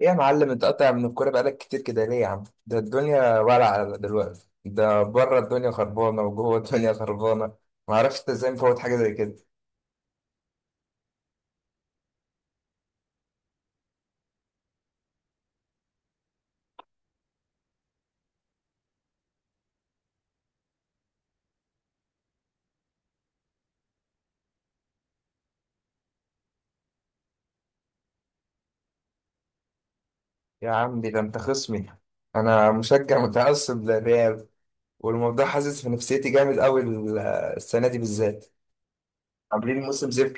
ايه يا معلم، انت قاطع من الكورة بقالك كتير كده ليه يا عم؟ ده الدنيا ولعة دلوقتي، ده بره الدنيا خربانة وجوه الدنيا خربانة. معرفش انت ازاي مفوت حاجة زي كده. يا عمي ده انت خصمي، انا مشجع متعصب للريال، والموضوع حاسس في نفسيتي جامد قوي. السنة دي بالذات عاملين موسم زفت،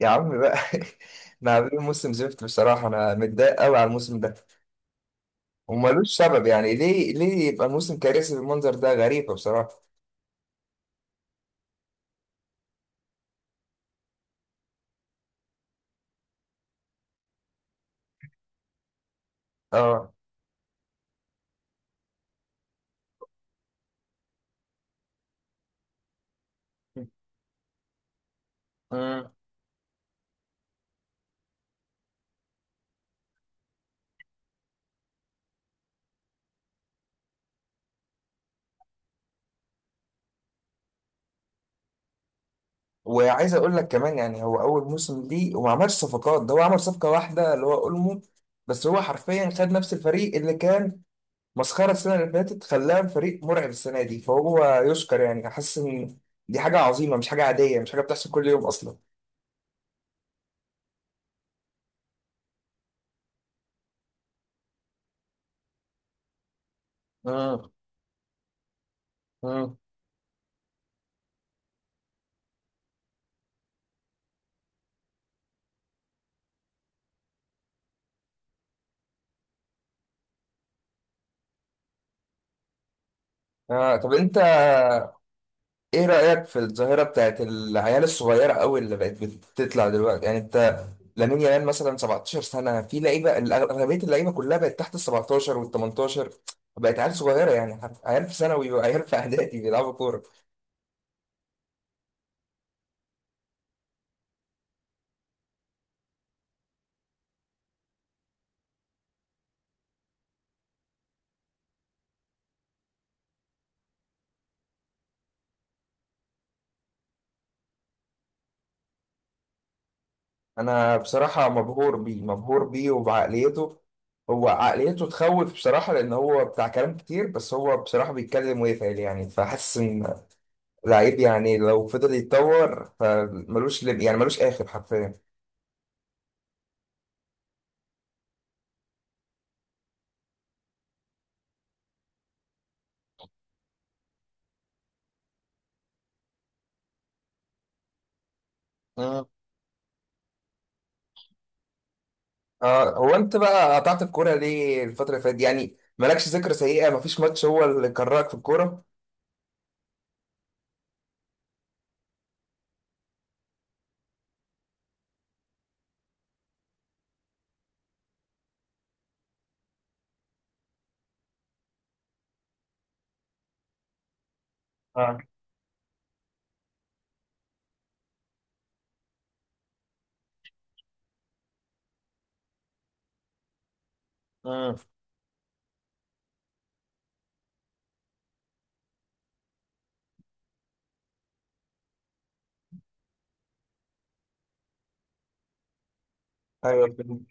يا عم بقى. احنا عاملين موسم زفت، بصراحة انا متضايق قوي على الموسم ده ومالوش سبب، يعني ليه يبقى الموسم كارثي بالمنظر ده؟ غريبة بصراحة. اه، وعايز اقول لك كمان، يعني هو اول موسم ليه وما عملش صفقات، ده هو عمل صفقه واحده اللي هو اولمو، بس هو حرفيا خد نفس الفريق اللي كان مسخره السنه اللي فاتت، خلاه فريق مرعب السنه دي، فهو يشكر يعني. احس ان دي حاجه عظيمه، مش حاجه عاديه، مش حاجه بتحصل كل يوم اصلا. امم. امم. آه، طب انت ايه رايك في الظاهره بتاعت العيال الصغيره قوي اللي بقت بتطلع دلوقتي؟ يعني انت، لامين يامال مثلا 17 سنه، في لعيبه، اغلبيه اللعيبه كلها بقت تحت ال 17 وال 18، بقت عيال صغيره، يعني عيال في ثانوي وعيال في اعدادي بيلعبوا كوره. انا بصراحه مبهور بيه، مبهور بيه وبعقليته. هو عقليته تخوف بصراحه، لان هو بتاع كلام كتير بس هو بصراحه بيتكلم ويفعل، يعني فحاسس ان لعيب، يعني لو فضل يتطور فملوش يعني ملوش اخر حرفيا. اه، هو انت بقى قطعت الكوره ليه الفتره اللي فاتت دي؟ يعني مالكش ذكرى سيئه؟ مفيش ماتش هو اللي كرهك في الكوره؟ اه. امم. ايوه فهمت.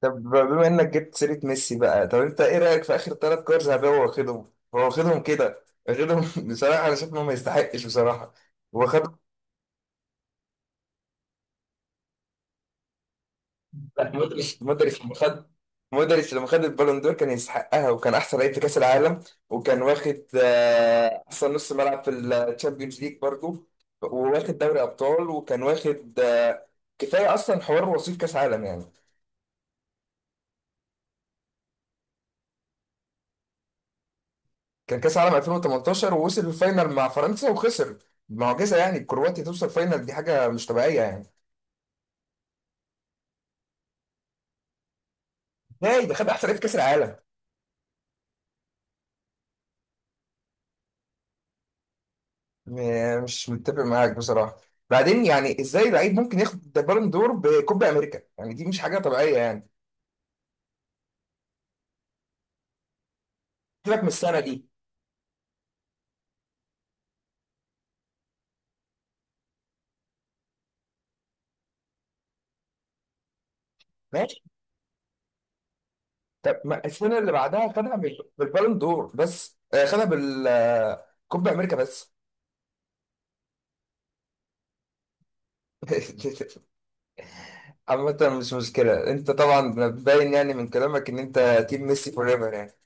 طب بما انك جبت سيره ميسي بقى، طب انت ايه رايك في اخر ثلاث كور ذهبيه هو واخدهم؟ هو واخدهم كده، واخدهم. بصراحه انا شايف انه ما يستحقش بصراحه. هو خد، لا، مودريتش لما خد البالون دور كان يستحقها، وكان احسن لعيب في كاس العالم، وكان واخد احسن نص ملعب في الشامبيونز ليج برضه، وواخد دوري ابطال، وكان واخد كفايه اصلا حوار وصيف كاس عالم يعني. كان كاس عالم 2018 ووصل الفاينل مع فرنسا وخسر، معجزه يعني كرواتيا توصل فاينل، دي حاجه مش طبيعيه يعني. ازاي ده خد احسن لعيب في كاس العالم؟ مش متفق معاك بصراحة. بعدين يعني ازاي لعيب ممكن ياخد بالون دور بكوبا امريكا؟ يعني دي مش حاجة طبيعية يعني. سيبك من السنة دي. ماشي، طب ما السنة اللي بعدها خدها بالبالون دور بس، خدها بالكوبا امريكا بس. عامة مش مشكلة، انت طبعا باين يعني من كلامك ان انت تيم ميسي فور ايفر يعني.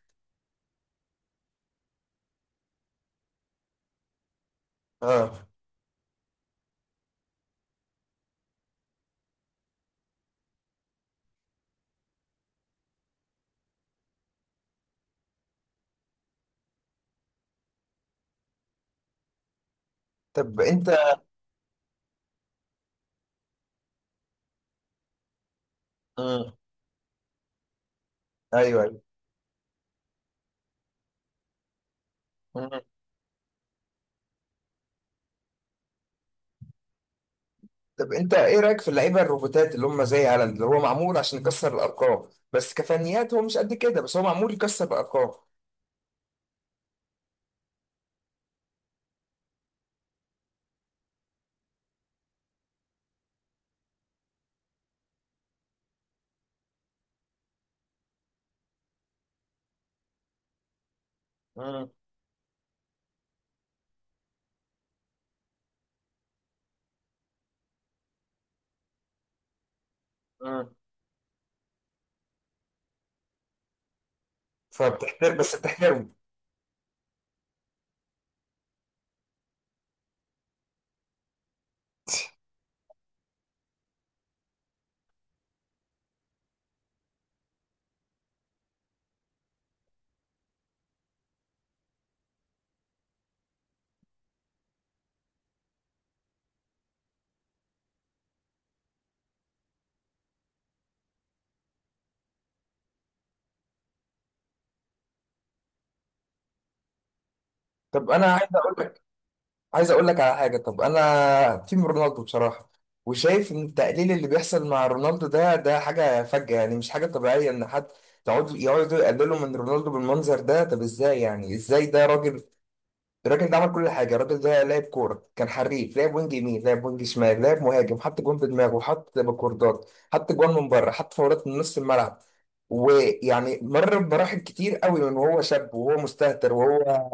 اه، طب انت. مم. ايوه. ايوه، طب انت ايه رايك في اللعيبه الروبوتات اللي هم زي هالاند، اللي هو معمول عشان يكسر الارقام بس كفنيات هو مش قد كده، بس هو معمول يكسر الارقام. مم. مم. فبتحترم، بس بتحترمه. طب انا عايز اقول لك، عايز اقول لك على حاجه، طب انا تيم رونالدو بصراحه، وشايف ان التقليل اللي بيحصل مع رونالدو ده حاجه فجأة، يعني مش حاجه طبيعيه ان حد يقعدوا يقللوا من رونالدو بالمنظر ده. طب ازاي؟ يعني ازاي ده راجل، الراجل ده عمل كل حاجه، الراجل ده لعب كوره، كان حريف، لعب وينج يمين، لعب وينج شمال، لعب مهاجم، حط جون بدماغه، حط بكوردات، حط جون من بره، حط فاولات من نص الملعب، ويعني مر بمراحل كتير قوي، من وهو شاب وهو مستهتر وهو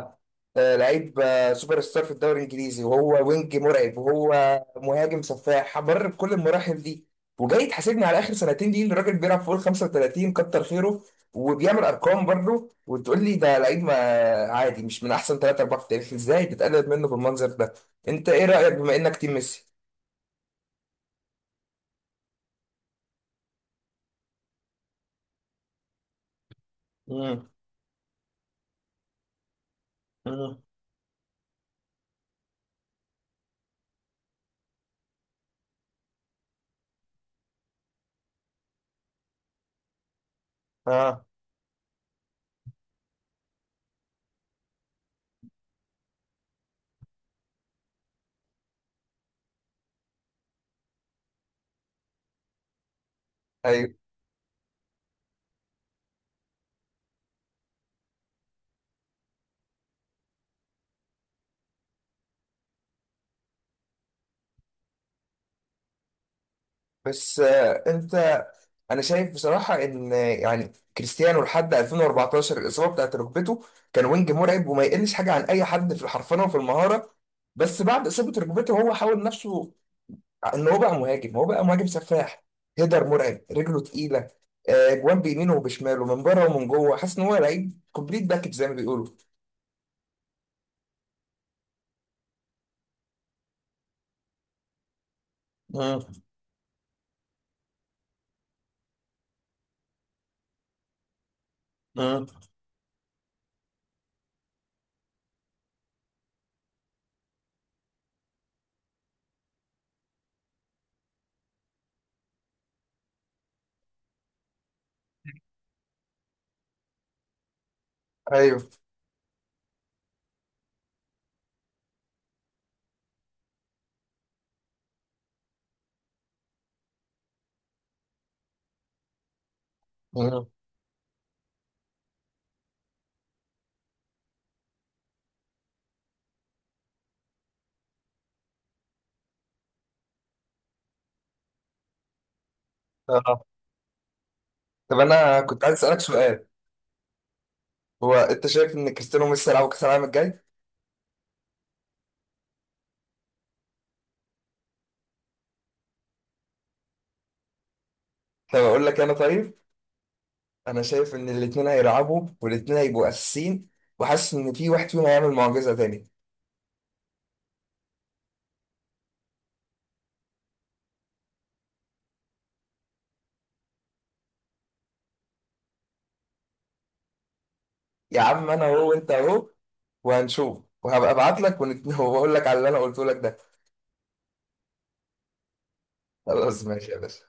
لعيب، سوبر ستار في الدوري الانجليزي وهو وينج مرعب وهو مهاجم سفاح، مر بكل المراحل دي. وجاي تحاسبني على اخر سنتين دي ان الراجل بيلعب فوق ال 35؟ كتر خيره، وبيعمل ارقام برضه، وتقول لي ده لعيب ما عادي مش من احسن ثلاثة اربعة في التاريخ؟ ازاي بتقلل منه بالمنظر ده؟ انت ايه رايك بما انك تيم ميسي؟ امم. امم. اه. ايوه. بس انت، انا شايف بصراحه ان يعني كريستيانو لحد 2014 الاصابه بتاعت ركبته، كان وينج مرعب وما يقلش حاجه عن اي حد في الحرفنه وفي المهاره. بس بعد اصابه ركبته هو حاول نفسه ان هو بقى مهاجم، هو بقى مهاجم سفاح، هيدر مرعب، رجله تقيله، جوان بيمينه وبشماله، من بره ومن جوه. حاسس ان هو لعيب كومبليت باكج زي ما بيقولوا. مم. مم. ايوه. مم. آه. طب انا كنت عايز اسالك سؤال، هو انت شايف ان كريستيانو ميسي هيلعب كاس العالم الجاي؟ طب اقول لك انا، طيب انا شايف ان الاتنين هيلعبوا والاتنين هيبقوا اساسيين، وحاسس ان في واحد فيهم هيعمل معجزه تاني. يا عم انا اهو وانت اهو، وهنشوف، وهبقى ابعت لك وبقول لك على اللي انا قلته لك ده. خلاص ماشي يا باشا.